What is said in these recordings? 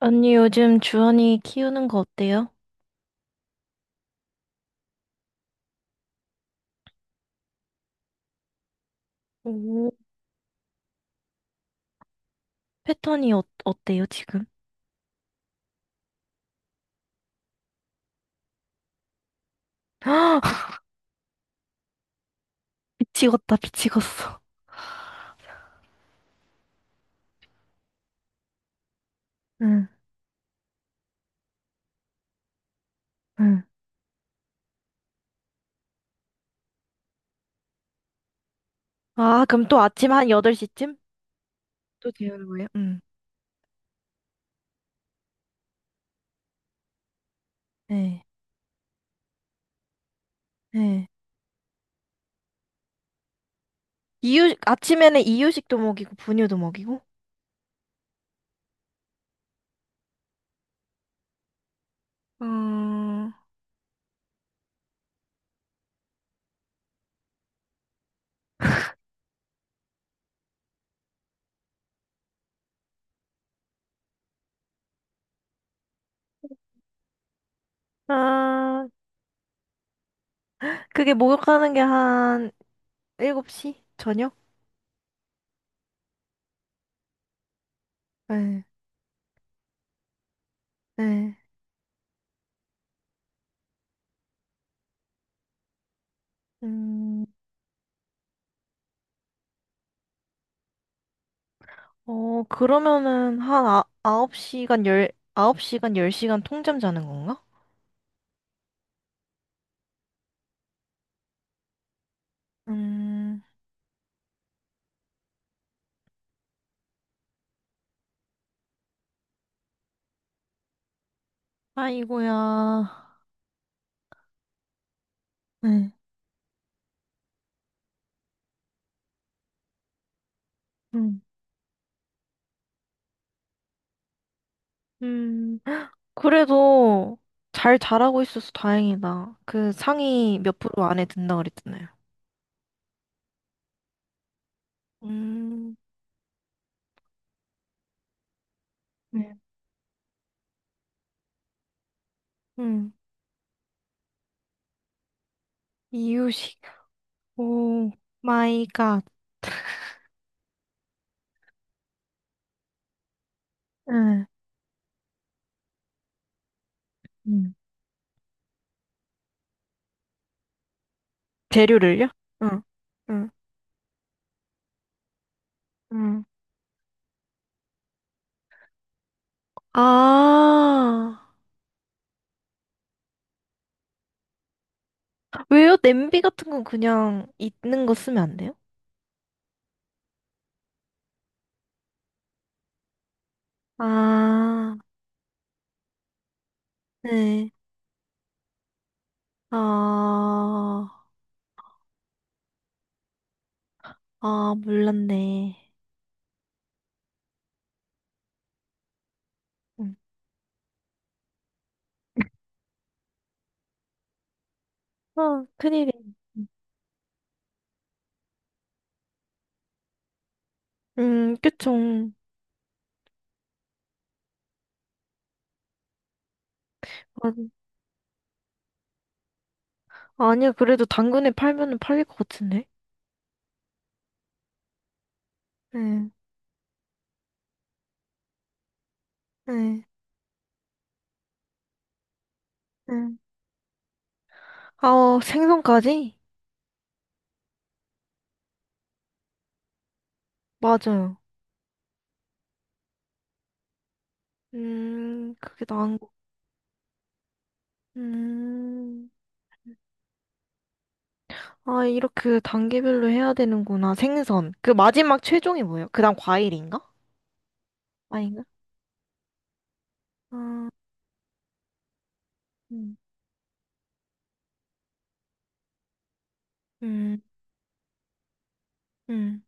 언니 요즘 주원이 키우는 거 어때요? 오, 패턴이 어때요 지금? 미치겠다 미치겠어. 응, 응. 아 그럼 또 아침 한 8시쯤? 또 재우는 거예요? 응. 네. 네. 이유 아침에는 이유식도 먹이고 분유도 먹이고? 어, 아 그게 목욕하는 게 한 7시? 저녁? 네, 네. 음, 그러면은 한 아홉 시간 열.. 아홉 시간 열 시간 통잠 자는 건가? 음, 아이고야. 네. 음, 음. 그래도 잘 자라고 있어서 다행이다. 그 상위 몇 프로 안에 든다 그랬잖아요. 음, 네. 음. 이유식. 오 마이 갓. 네. 음. 재료를요? 응, 응, 응. 아, 왜요? 냄비 같은 건 그냥 있는 거 쓰면 안 돼요? 아, 네. 아, 아, 몰랐네. 음. 아, 큰일이야. 그쵸. 아, 아니야, 그래도 당근에 팔면은 팔릴 것 같은데. 네, 네, 네. 아, 생선까지? 맞아요. 그게 나은 거. 음, 아, 이렇게 단계별로 해야 되는구나. 생선. 그 마지막 최종이 뭐예요? 그 다음 과일인가? 아닌가? 아, 음, 음, 음,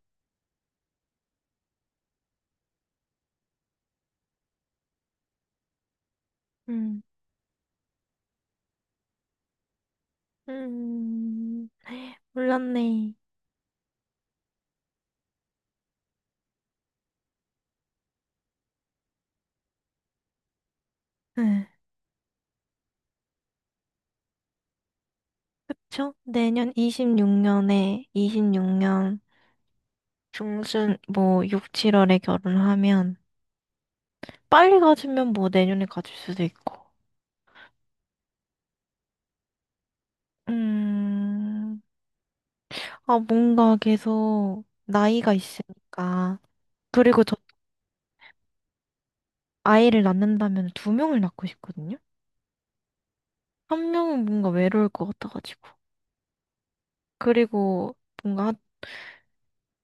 음, 음. 몰랐네. 네. 그쵸? 내년 26년에 26년 중순 뭐 6, 7월에 결혼하면 빨리 가지면 뭐 내년에 가질 수도 있고. 음, 아 뭔가 계속 나이가 있으니까 그리고 저 아이를 낳는다면 두 명을 낳고 싶거든요. 한 명은 뭔가 외로울 것 같아가지고 그리고 뭔가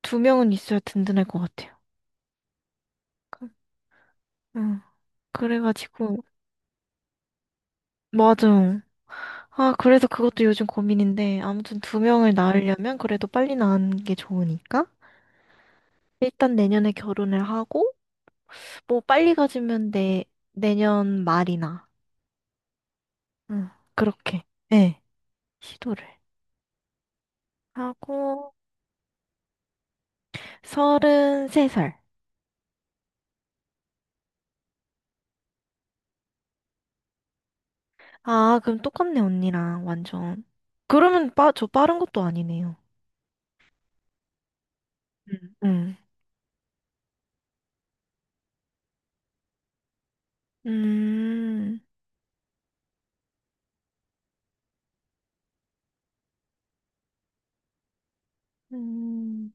두 명은 있어야 든든할 것 같아요. 그- 응. 그래가지고 맞아. 아, 그래서 그것도 요즘 고민인데, 아무튼 두 명을 낳으려면 그래도 빨리 낳는 게 좋으니까. 일단 내년에 결혼을 하고, 뭐 빨리 가지면 내년 말이나, 응, 그렇게, 예, 시도를 하고, 서른세 살. 아, 그럼 똑같네, 언니랑, 완전. 그러면 빠, 저 빠른 것도 아니네요. 응, 응. 음, 음,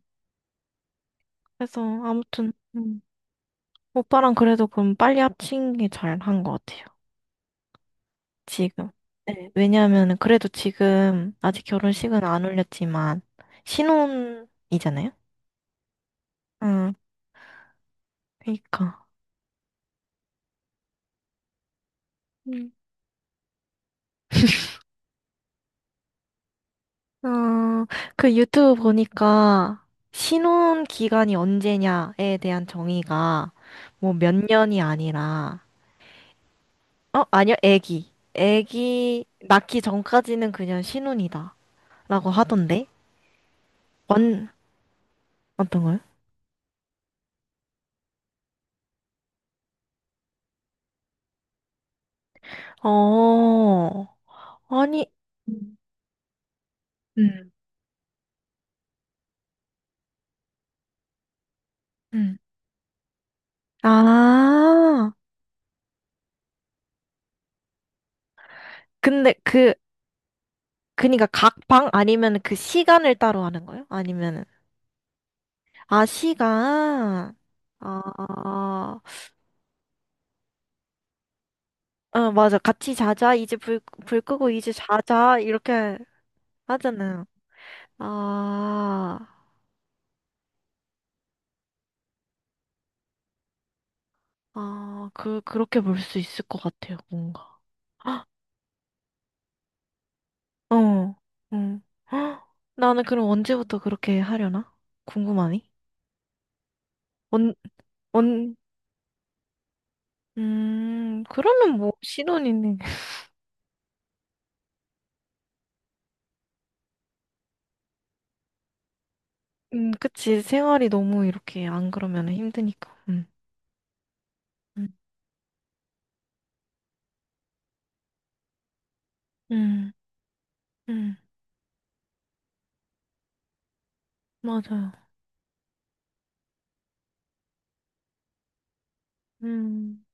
그래서 아무튼, 음, 오빠랑 그래도 그럼 빨리 합친 게 잘 한 것 같아요. 지금. 네. 왜냐하면 그래도 지금 아직 결혼식은 안 올렸지만 신혼이잖아요. 응, 그러니까. 음. 어, 그 유튜브 보니까 신혼 기간이 언제냐에 대한 정의가 뭐 몇 년이 아니라 어, 아니요. 애기 낳기 전까지는 그냥 신혼이다라고 하던데. 완 어떤 거요? 어. 아니 음. 음. 음. 아. 근데 그니까 각 방 아니면 그 시간을 따로 하는 거예요? 아니면은, 아, 시간. 아, 맞아. 같이 자자. 이제 불 끄고 이제 자자. 이렇게 하잖아요. 아, 아, 그렇게 볼 수 있을 것 같아요, 뭔가. 헉, 어, 응. 헉, 나는 그럼 언제부터 그렇게 하려나? 궁금하니? 언, 언, 그러면 뭐, 신혼이네. 그치. 생활이 너무 이렇게 안 그러면 힘드니까. 음. 음, 음, 맞아요. 음,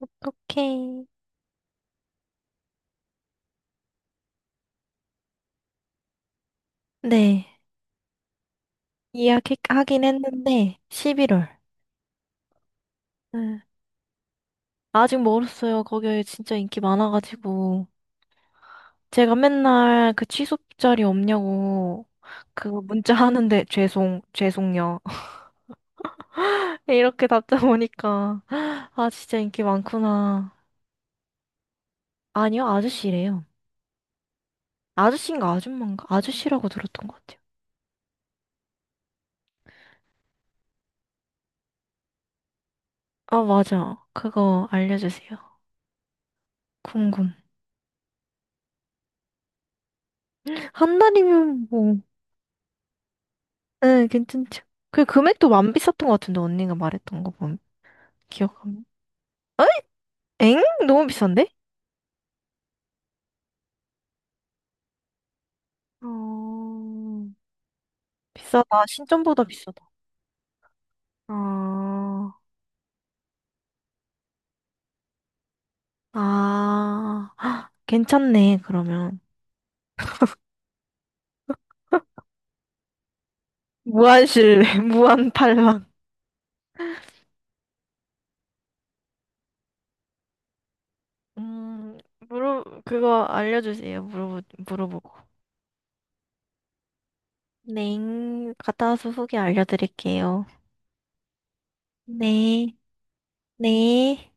어떡해. 네. 이야기하긴 했는데, 11월. 네. 아직 멀었어요. 거기 진짜 인기 많아가지고. 제가 맨날 그 취소 자리 없냐고, 그 문자 하는데, 죄송요. 이렇게 답장 오니까, 아, 진짜 인기 많구나. 아니요, 아저씨래요. 아저씨인가 아줌마인가? 아저씨라고 들었던 것 같아요. 아, 맞아. 그거 알려주세요. 궁금. 한 달이면 뭐, 네, 괜찮죠. 그 금액도 안 비쌌던 것 같은데, 언니가 말했던 거 보면, 기억하면. 엥? 너무 비싼데? 어, 비싸다. 신점보다 비싸다. 어, 아, 헉, 괜찮네, 그러면. 무한실내, 무한팔망 음, 그거 알려주세요. 물어보고. 네, 갔다 와서 후기 알려드릴게요. 네. 네.